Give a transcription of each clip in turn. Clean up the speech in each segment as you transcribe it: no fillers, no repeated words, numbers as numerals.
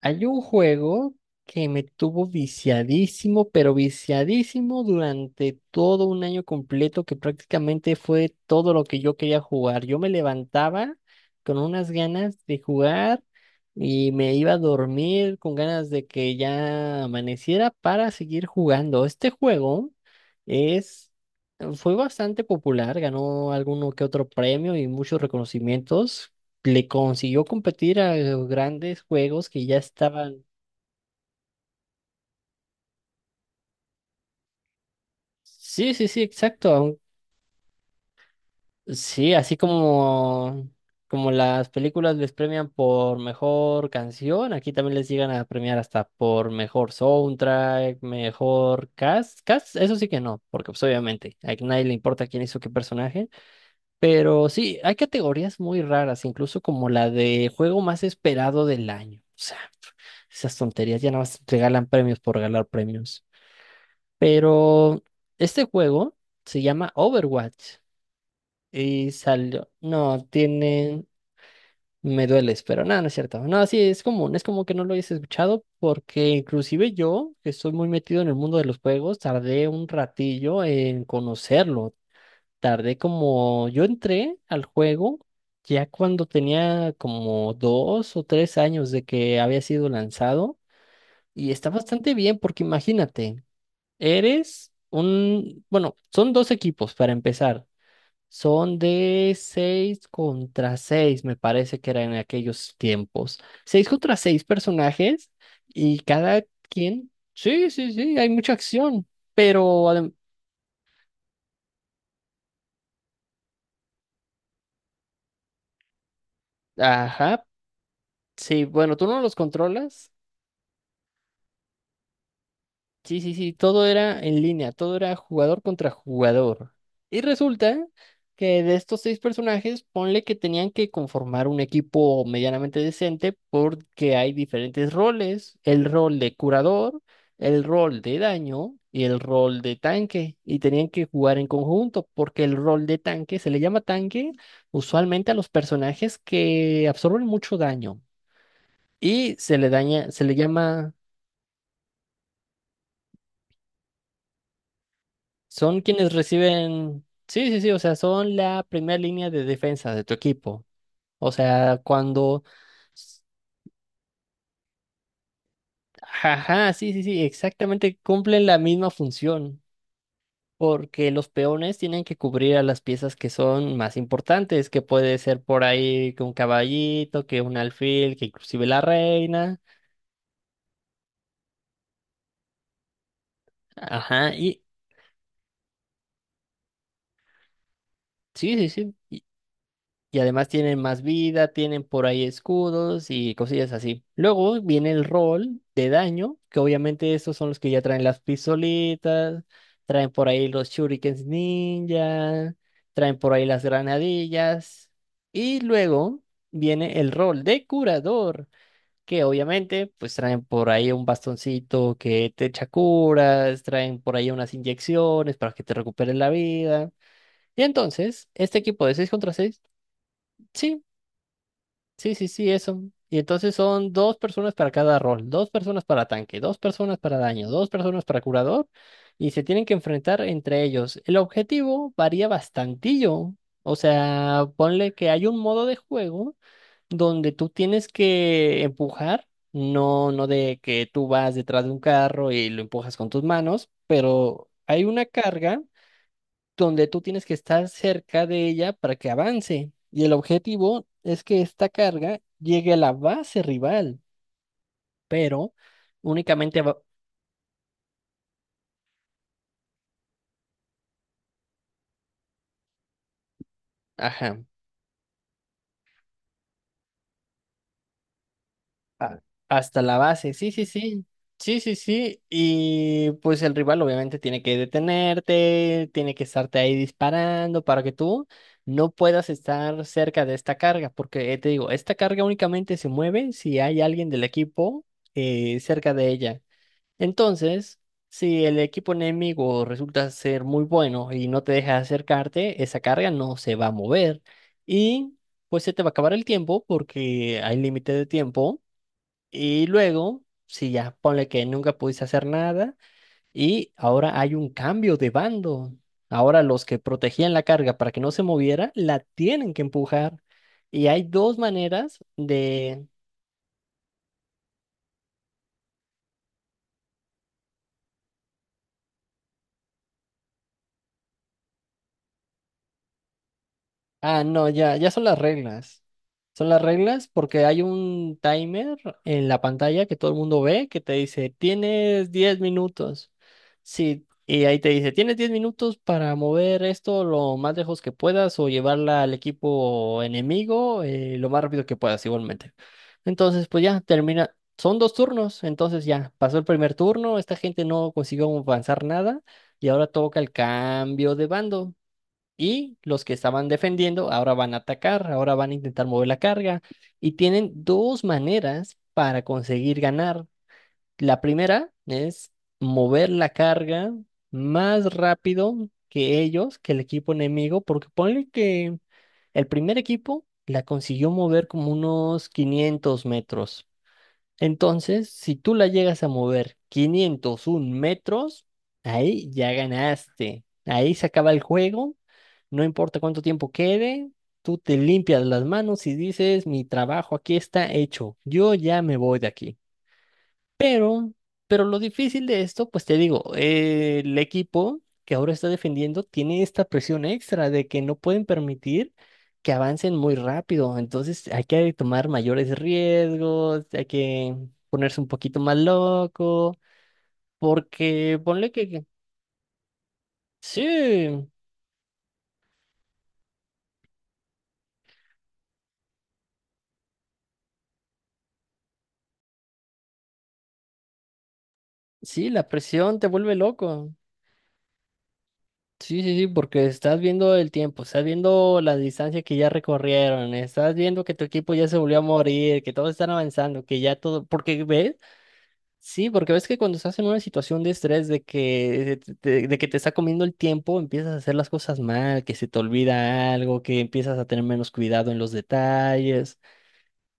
Hay un juego que me tuvo viciadísimo, pero viciadísimo durante todo un año completo, que prácticamente fue todo lo que yo quería jugar. Yo me levantaba con unas ganas de jugar y me iba a dormir con ganas de que ya amaneciera para seguir jugando. Este juego es, fue bastante popular, ganó alguno que otro premio y muchos reconocimientos, le consiguió competir a los grandes juegos que ya estaban. Sí, sí, sí, exacto. Sí, así como como las películas les premian por mejor canción, aquí también les llegan a premiar hasta por mejor soundtrack, mejor cast. Cast, eso sí que no, porque pues obviamente a nadie le importa quién hizo qué personaje. Pero sí, hay categorías muy raras, incluso como la de juego más esperado del año. O sea, esas tonterías ya nada más regalan premios por regalar premios. Pero este juego se llama Overwatch y salió. No, tiene. Me dueles, pero nada, no es cierto. No, sí, es común, es como que no lo hayas escuchado, porque inclusive yo, que estoy muy metido en el mundo de los juegos, tardé un ratillo en conocerlo. Tardé como. Yo entré al juego ya cuando tenía como dos o tres años de que había sido lanzado, y está bastante bien porque imagínate. Bueno, son dos equipos para empezar. Son de 6 contra seis, me parece que era en aquellos tiempos. Seis contra 6 personajes, y sí, sí, sí, hay mucha acción, pero... adem- ajá, sí, bueno, tú no los controlas. Sí, sí, sí, todo era en línea, todo era jugador contra jugador. Y resulta que de estos seis personajes, ponle que tenían que conformar un equipo medianamente decente porque hay diferentes roles: el rol de curador, el rol de daño y el rol de tanque. Y tenían que jugar en conjunto porque el rol de tanque, se le llama tanque usualmente a los personajes que absorben mucho daño. Y se le llama Son quienes reciben, sí, sí, sí, o sea, son la primera línea de defensa de tu equipo. O sea, cuando, ajá, sí, sí, sí, exactamente cumplen la misma función, porque los peones tienen que cubrir a las piezas que son más importantes, que puede ser por ahí que un caballito, que un alfil, que inclusive la reina. Ajá, y sí, sí, sí. Y además tienen más vida, tienen por ahí escudos y cosillas así. Luego viene el rol de daño, que obviamente estos son los que ya traen las pistolitas, traen por ahí los shurikens ninja, traen por ahí las granadillas. Y luego viene el rol de curador, que obviamente pues traen por ahí un bastoncito que te echa curas, traen por ahí unas inyecciones para que te recuperes la vida. Y entonces, este equipo de 6 contra seis. Sí. Sí, sí, sí, eso. Y entonces son dos personas para cada rol: dos personas para tanque, dos personas para daño, dos personas para curador, y se tienen que enfrentar entre ellos. El objetivo varía bastantillo. O sea, ponle que hay un modo de juego donde tú tienes que empujar, no, no de que tú vas detrás de un carro y lo empujas con tus manos, pero hay una carga donde tú tienes que estar cerca de ella para que avance. Y el objetivo es que esta carga llegue a la base rival, pero únicamente va- ajá, a- hasta la base. Sí, sí, sí. Sí, sí, sí. Y pues el rival obviamente tiene que detenerte, tiene que estarte ahí disparando para que tú no puedas estar cerca de esta carga, porque te digo, esta carga únicamente se mueve si hay alguien del equipo cerca de ella. Entonces, si el equipo enemigo resulta ser muy bueno y no te deja acercarte, esa carga no se va a mover, y pues se te va a acabar el tiempo, porque hay límite de tiempo. Y luego, si ya ponle que nunca pudiste hacer nada, y ahora hay un cambio de bando. Ahora los que protegían la carga para que no se moviera, la tienen que empujar. Y hay dos maneras. Ah, no, ya, ya son las reglas. Son las reglas porque hay un timer en la pantalla que todo el mundo ve que te dice: tienes 10 minutos. Sí, y ahí te dice: tienes 10 minutos para mover esto lo más lejos que puedas, o llevarla al equipo enemigo, lo más rápido que puedas igualmente. Entonces, pues ya termina. Son dos turnos, entonces ya pasó el primer turno, esta gente no consiguió avanzar nada, y ahora toca el cambio de bando. Y los que estaban defendiendo ahora van a atacar, ahora van a intentar mover la carga. Y tienen dos maneras para conseguir ganar. La primera es mover la carga más rápido que ellos, que el equipo enemigo, porque ponle que el primer equipo la consiguió mover como unos 500 metros. Entonces, si tú la llegas a mover 501 metros, ahí ya ganaste. Ahí se acaba el juego, no importa cuánto tiempo quede, tú te limpias las manos y dices: mi trabajo aquí está hecho, yo ya me voy de aquí. Pero, pero lo difícil de esto, pues te digo, el equipo que ahora está defendiendo tiene esta presión extra de que no pueden permitir que avancen muy rápido. Entonces hay que tomar mayores riesgos, hay que ponerse un poquito más loco, porque ponle sí, sí, la presión te vuelve loco. Sí, sí, sí, porque estás viendo el tiempo, estás viendo la distancia que ya recorrieron, estás viendo que tu equipo ya se volvió a morir, que todos están avanzando, que ya todo, porque ves, sí, porque ves que cuando estás en una situación de estrés, de que te está comiendo el tiempo, empiezas a hacer las cosas mal, que se te olvida algo, que empiezas a tener menos cuidado en los detalles.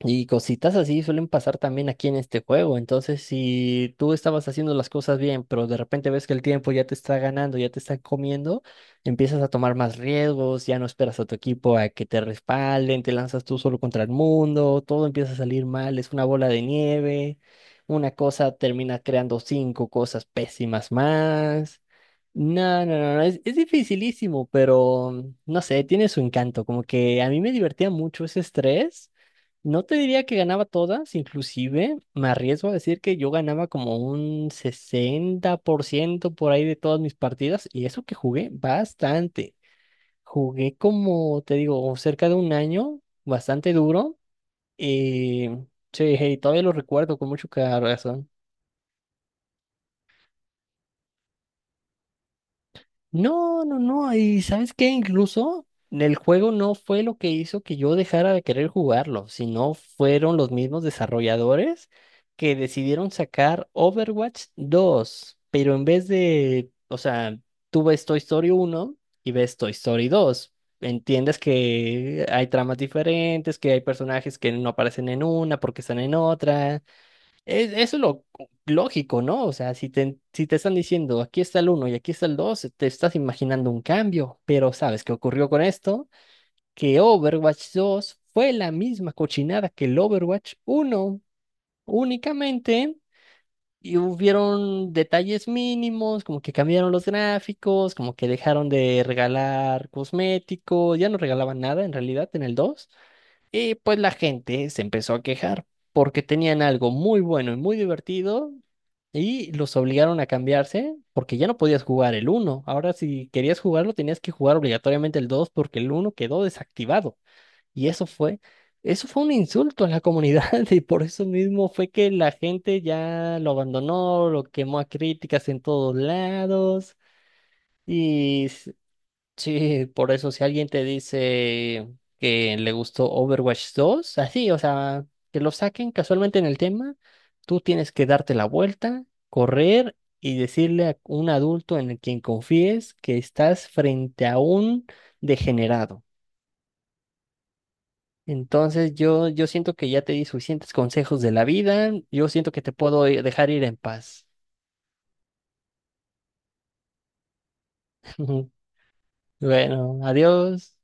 Y cositas así suelen pasar también aquí en este juego. Entonces, si tú estabas haciendo las cosas bien, pero de repente ves que el tiempo ya te está ganando, ya te está comiendo, empiezas a tomar más riesgos, ya no esperas a tu equipo a que te respalden, te lanzas tú solo contra el mundo, todo empieza a salir mal, es una bola de nieve, una cosa termina creando cinco cosas pésimas más. No, no, no, no, es dificilísimo, pero no sé, tiene su encanto, como que a mí me divertía mucho ese estrés. No te diría que ganaba todas, inclusive me arriesgo a decir que yo ganaba como un 60% por ahí de todas mis partidas, y eso que jugué bastante. Jugué como, te digo, cerca de un año, bastante duro. Y sí, hey, todavía lo recuerdo con mucho corazón. No, no, no. Y ¿sabes qué? Incluso el juego no fue lo que hizo que yo dejara de querer jugarlo, sino fueron los mismos desarrolladores que decidieron sacar Overwatch dos, pero en vez de, o sea, tú ves Toy Story uno y ves Toy Story 2. Entiendes que hay tramas diferentes, que hay personajes que no aparecen en una porque están en otra. Eso es lo lógico, ¿no? O sea, si te están diciendo aquí está el uno y aquí está el dos, te estás imaginando un cambio, pero ¿sabes qué ocurrió con esto? Que Overwatch dos fue la misma cochinada que el Overwatch uno únicamente, y hubieron detalles mínimos, como que cambiaron los gráficos, como que dejaron de regalar cosméticos, ya no regalaban nada en realidad en el dos, y pues la gente se empezó a quejar porque tenían algo muy bueno y muy divertido, y los obligaron a cambiarse porque ya no podías jugar el uno. Ahora, si querías jugarlo, tenías que jugar obligatoriamente el dos, porque el uno quedó desactivado. Y eso fue un insulto a la comunidad y por eso mismo fue que la gente ya lo abandonó, lo quemó a críticas en todos lados. Y sí, por eso si alguien te dice que le gustó Overwatch dos, así, o sea, que lo saquen casualmente en el tema, tú tienes que darte la vuelta, correr y decirle a un adulto en el quien confíes que estás frente a un degenerado. Entonces yo siento que ya te di suficientes consejos de la vida, yo siento que te puedo dejar ir en paz. Bueno, adiós.